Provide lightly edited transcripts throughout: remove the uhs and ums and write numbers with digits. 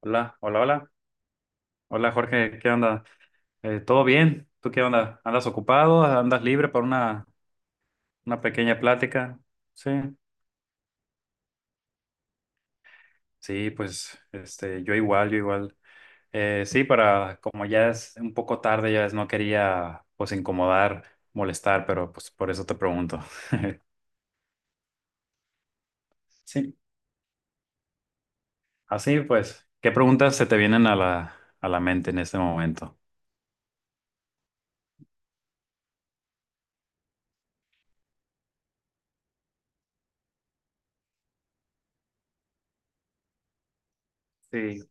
Hola, hola, hola. Hola Jorge, ¿qué onda? ¿Todo bien? ¿Tú qué onda? ¿Andas ocupado? ¿Andas libre para una pequeña plática? Sí. Sí, pues yo igual, yo igual. Sí, para como ya es un poco tarde, ya es, no quería pues incomodar, molestar, pero pues por eso te pregunto. Sí. Así pues, ¿qué preguntas se te vienen a la mente en este momento? Sí,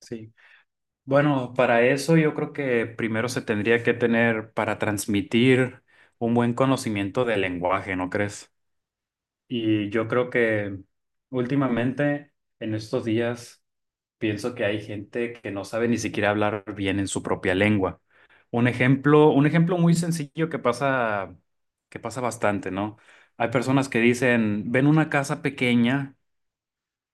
sí. Bueno, para eso yo creo que primero se tendría que tener para transmitir un buen conocimiento del lenguaje, ¿no crees? Y yo creo que últimamente, en estos días, pienso que hay gente que no sabe ni siquiera hablar bien en su propia lengua. Un ejemplo muy sencillo que pasa bastante, ¿no? Hay personas que dicen, ven una casa pequeña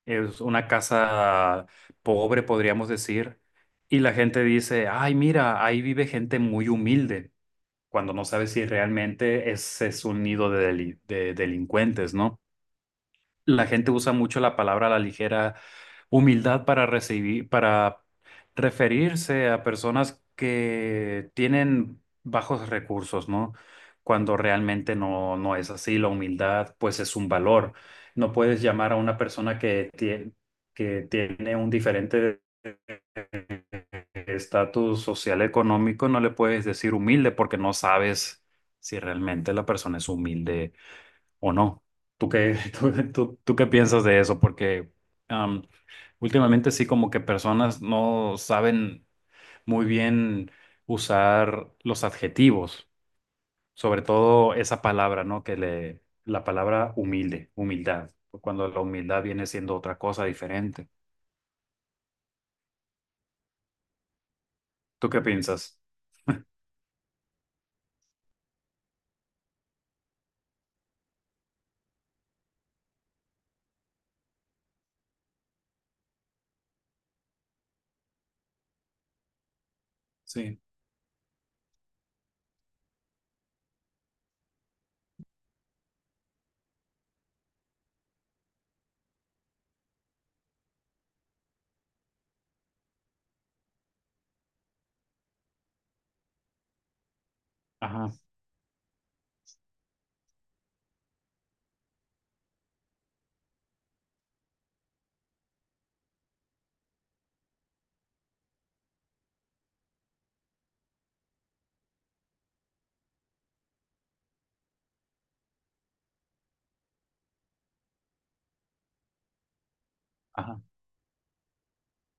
es una casa pobre, podríamos decir. Y la gente dice, ay, mira, ahí vive gente muy humilde, cuando no sabe si realmente ese es un nido de delincuentes, ¿no? La gente usa mucho la palabra a la ligera humildad para recibir, para referirse a personas que tienen bajos recursos, ¿no? Cuando realmente no, no es así. La humildad, pues, es un valor. No puedes llamar a una persona que tiene un diferente estatus social económico, no le puedes decir humilde porque no sabes si realmente la persona es humilde o no. ¿Tú qué, tú qué piensas de eso? Porque am, últimamente sí como que personas no saben muy bien usar los adjetivos, sobre todo esa palabra, ¿no? Que le, la palabra humilde, humildad, cuando la humildad viene siendo otra cosa diferente. ¿Tú qué piensas? Sí, ajá, ajá.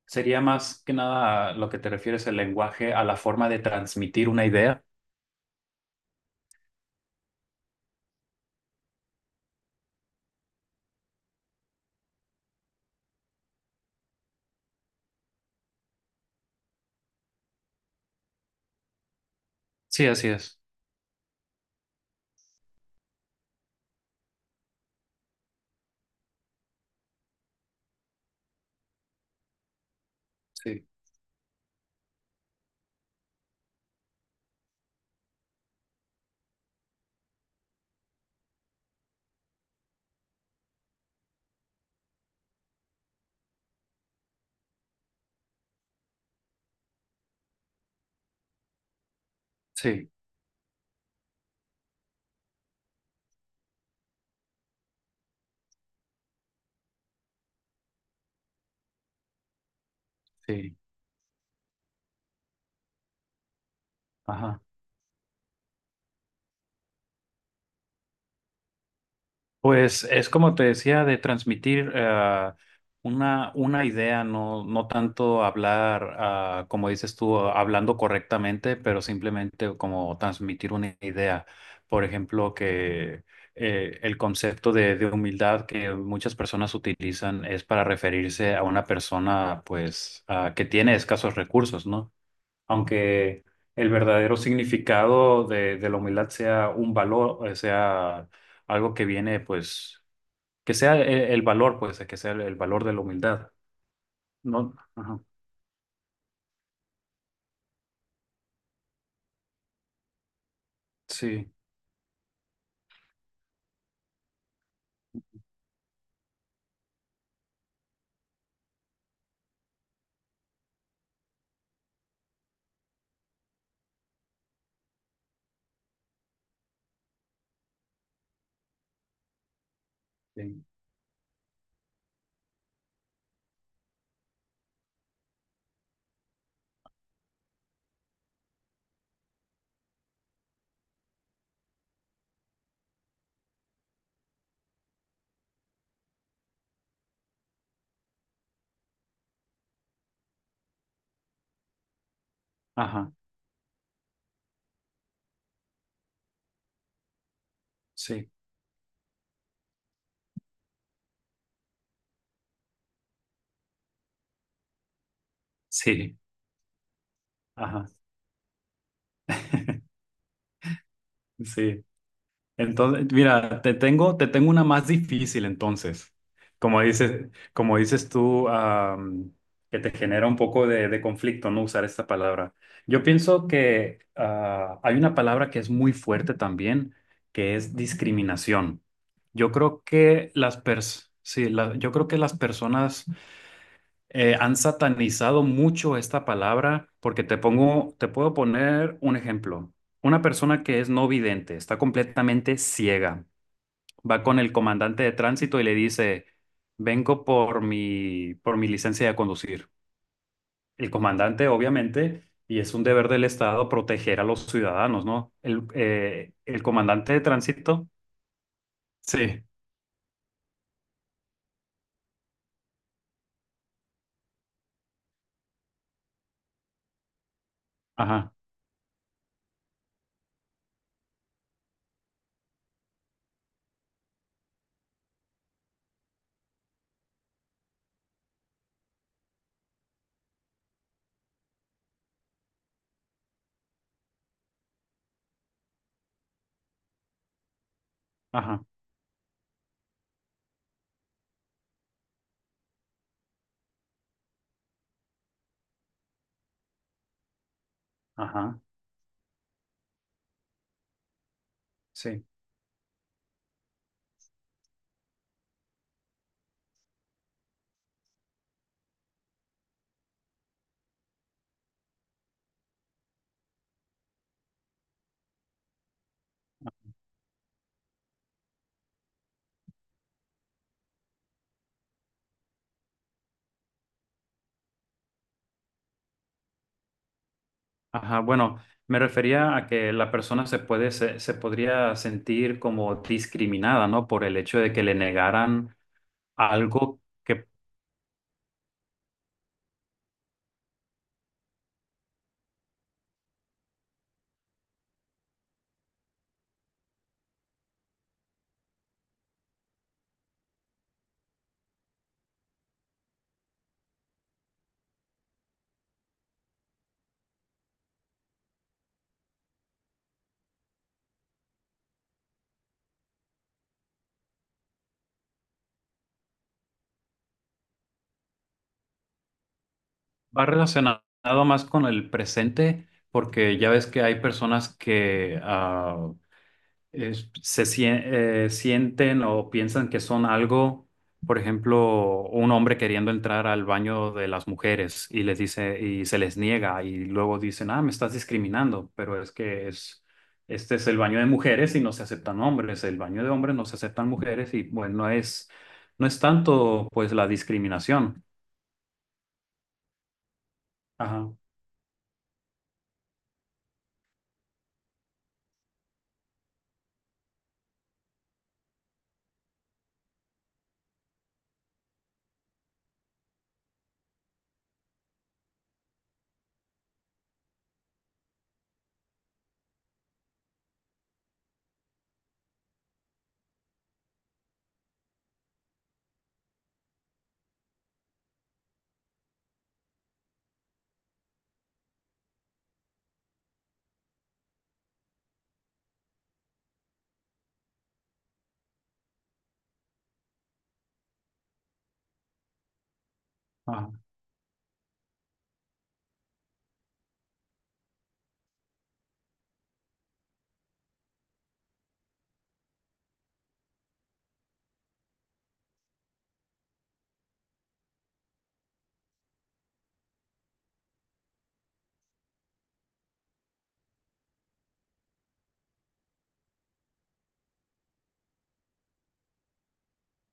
Sería más que nada lo que te refieres el lenguaje a la forma de transmitir una idea. Sí, así es. Sí, sí, sí. Ajá. Pues es como te decía, de transmitir una idea, no, no tanto hablar, ah, como dices tú, hablando correctamente, pero simplemente como transmitir una idea. Por ejemplo, que el concepto de humildad que muchas personas utilizan es para referirse a una persona pues, ah, que tiene escasos recursos, ¿no? Aunque el verdadero significado de la humildad sea un valor, sea algo que viene, pues, que sea el valor, pues, que sea el valor de la humildad, ¿no? Ajá, sí, sí, ajá, sí, sí, ajá, sí. Entonces, mira, te tengo una más difícil entonces. Como dices tú, que te genera un poco de conflicto no usar esta palabra. Yo pienso que ah, hay una palabra que es muy fuerte también, que es discriminación. Yo creo que sí, la- yo creo que las personas han satanizado mucho esta palabra porque te pongo, te puedo poner un ejemplo. Una persona que es no vidente, está completamente ciega, va con el comandante de tránsito y le dice, vengo por por mi licencia de conducir. El comandante, obviamente, y es un deber del Estado proteger a los ciudadanos, ¿no? El comandante de tránsito. Sí. Ajá, ajá, ajá, sí. Ajá, bueno, me refería a que la persona se puede, se podría sentir como discriminada, ¿no? Por el hecho de que le negaran algo que va relacionado más con el presente, porque ya ves que hay personas que ah, sienten o piensan que son algo, por ejemplo, un hombre queriendo entrar al baño de las mujeres y les dice y se les niega y luego dicen, ah, me estás discriminando, pero es que es este es el baño de mujeres y no se aceptan hombres, el baño de hombres no se aceptan mujeres y bueno, no es tanto pues la discriminación. Ajá, ajá,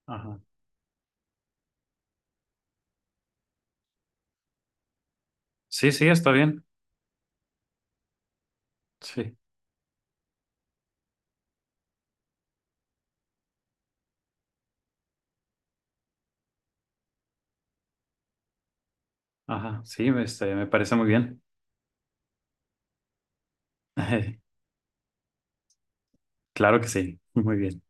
ajá. Sí, sí, está bien. Sí, ajá, sí, este, me parece muy bien. Claro que sí, muy bien.